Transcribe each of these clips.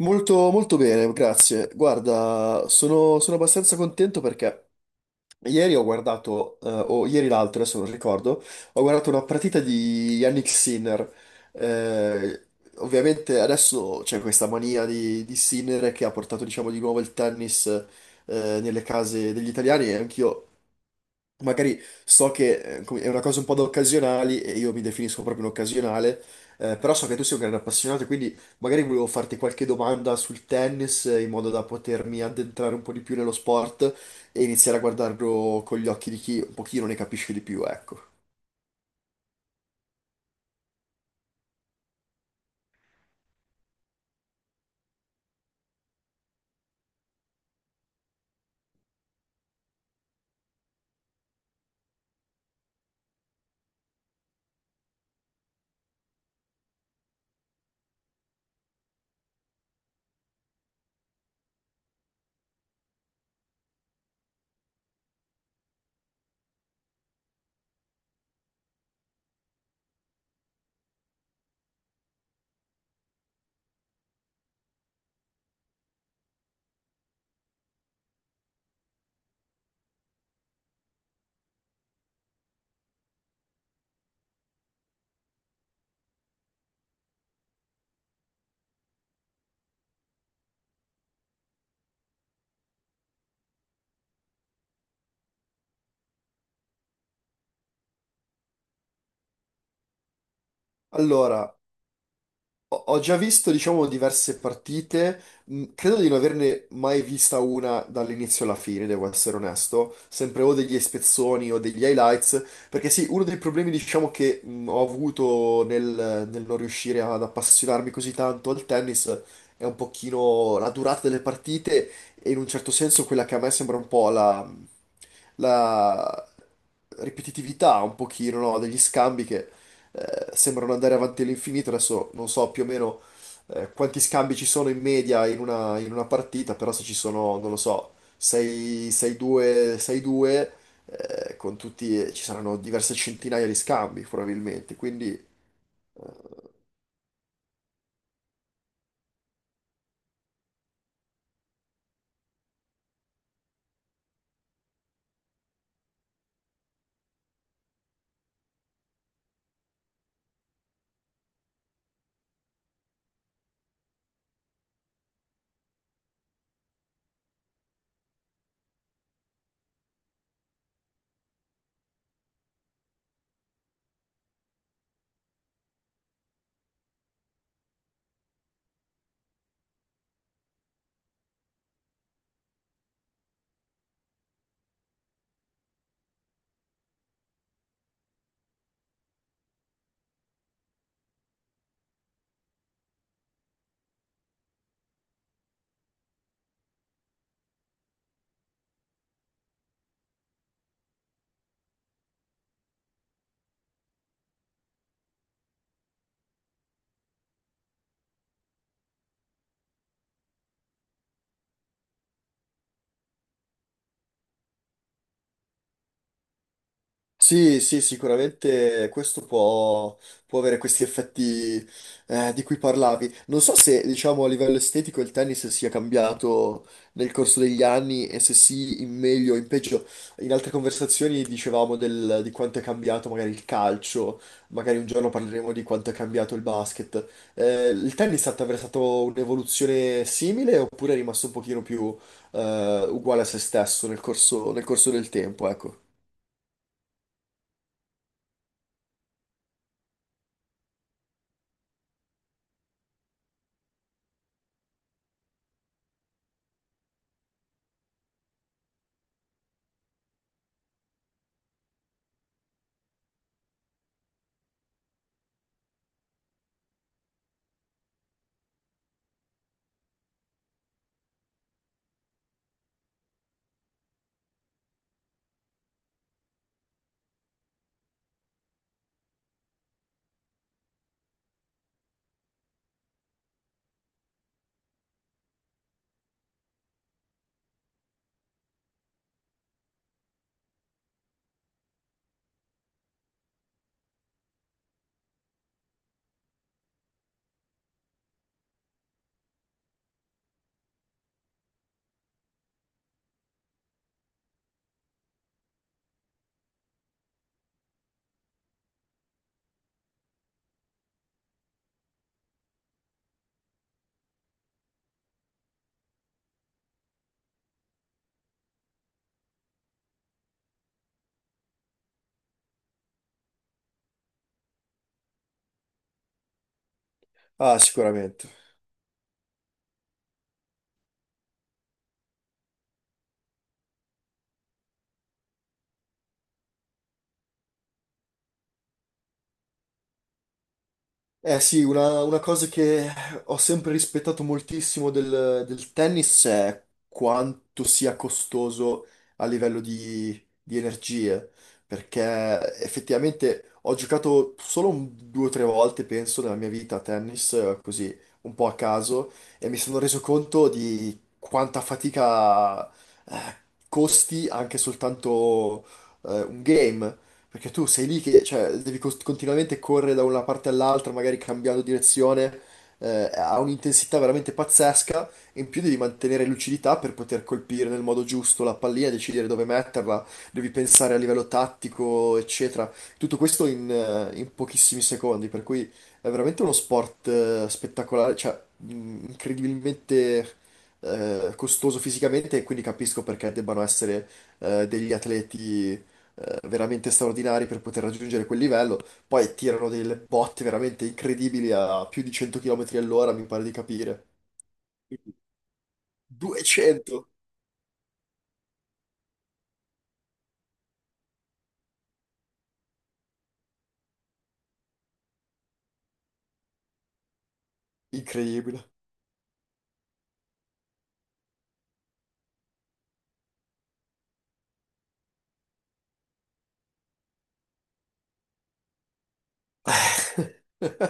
Molto bene, grazie. Guarda, sono abbastanza contento perché ieri ho guardato, o ieri l'altro, adesso non ricordo, ho guardato una partita di Yannick Sinner. Eh, Ovviamente adesso c'è questa mania di Sinner che ha portato, diciamo, di nuovo il tennis, nelle case degli italiani, e anch'io magari so che è una cosa un po' da occasionali e io mi definisco proprio un occasionale, però so che tu sei un grande appassionato, quindi magari volevo farti qualche domanda sul tennis in modo da potermi addentrare un po' di più nello sport e iniziare a guardarlo con gli occhi di chi un pochino ne capisce di più, ecco. Allora, ho già visto, diciamo, diverse partite, credo di non averne mai vista una dall'inizio alla fine, devo essere onesto, sempre o degli spezzoni o degli highlights, perché sì, uno dei problemi, diciamo, che ho avuto nel non riuscire ad appassionarmi così tanto al tennis è un pochino la durata delle partite, e in un certo senso quella che a me sembra un po' la ripetitività, un pochino, no, degli scambi che sembrano andare avanti all'infinito. Adesso non so più o meno, quanti scambi ci sono in media in una partita, però se ci sono, non lo so, 6, 6-2, 6-2, con tutti, ci saranno diverse centinaia di scambi probabilmente. Quindi sì, sì, sicuramente questo può avere questi effetti di cui parlavi. Non so se, diciamo, a livello estetico il tennis sia cambiato nel corso degli anni, e se sì, in meglio o in peggio. In altre conversazioni dicevamo di quanto è cambiato magari il calcio, magari un giorno parleremo di quanto è cambiato il basket. Il tennis ha attraversato un'evoluzione simile, oppure è rimasto un pochino più uguale a se stesso nel corso del tempo, ecco. Ah, sicuramente. Eh sì, una cosa che ho sempre rispettato moltissimo del tennis è quanto sia costoso a livello di energie, perché effettivamente ho giocato solo due o tre volte, penso, nella mia vita a tennis, così un po' a caso, e mi sono reso conto di quanta fatica costi anche soltanto un game. Perché tu sei lì che cioè, devi continuamente correre da una parte all'altra, magari cambiando direzione, ha un'intensità veramente pazzesca, e in più devi mantenere lucidità per poter colpire nel modo giusto la pallina, decidere dove metterla, devi pensare a livello tattico, eccetera. Tutto questo in, in pochissimi secondi, per cui è veramente uno sport spettacolare, cioè incredibilmente costoso fisicamente, e quindi capisco perché debbano essere degli atleti veramente straordinari per poter raggiungere quel livello. Poi tirano delle botte veramente incredibili a più di 100 km all'ora, mi pare di capire. 200! Incredibile. Eh,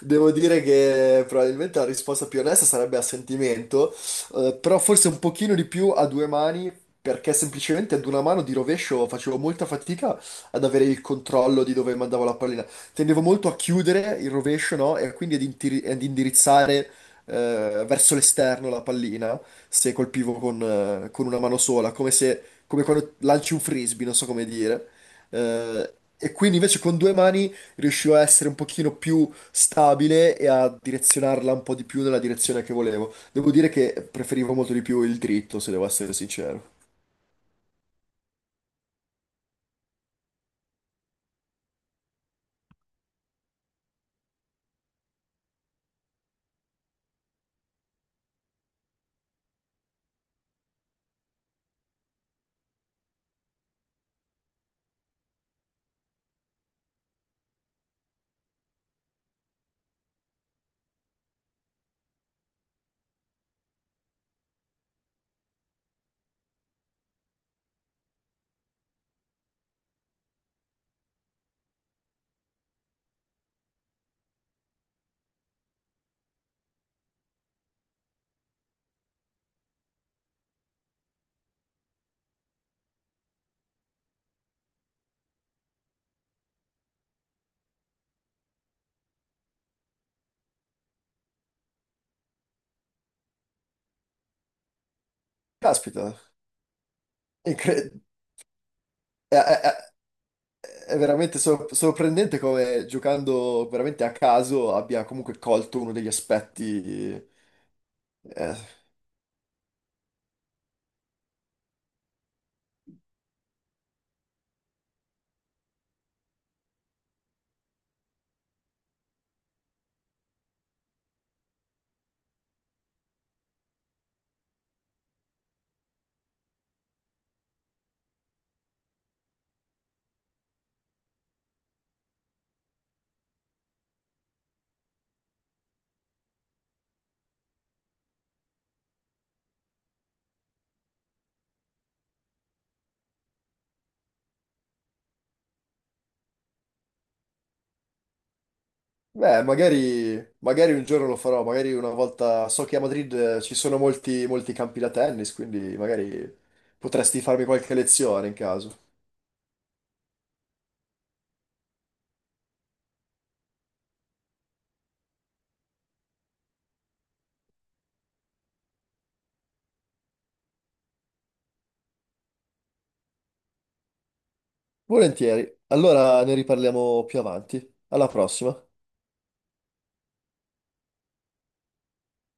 devo dire che probabilmente la risposta più onesta sarebbe a sentimento, però forse un pochino di più a due mani, perché semplicemente ad una mano di rovescio facevo molta fatica ad avere il controllo di dove mandavo la pallina. Tendevo molto a chiudere il rovescio, no? E quindi ad indirizzare, verso l'esterno la pallina, se colpivo con una mano sola, come se, come quando lanci un frisbee, non so come dire. E quindi invece con due mani riuscivo a essere un pochino più stabile e a direzionarla un po' di più nella direzione che volevo. Devo dire che preferivo molto di più il dritto, se devo essere sincero. Caspita, incre- è- È veramente sorprendente come giocando veramente a caso abbia comunque colto uno degli aspetti, eh, beh, magari, magari un giorno lo farò, magari una volta. So che a Madrid ci sono molti campi da tennis, quindi magari potresti farmi qualche lezione in caso. Volentieri. Allora ne riparliamo più avanti. Alla prossima.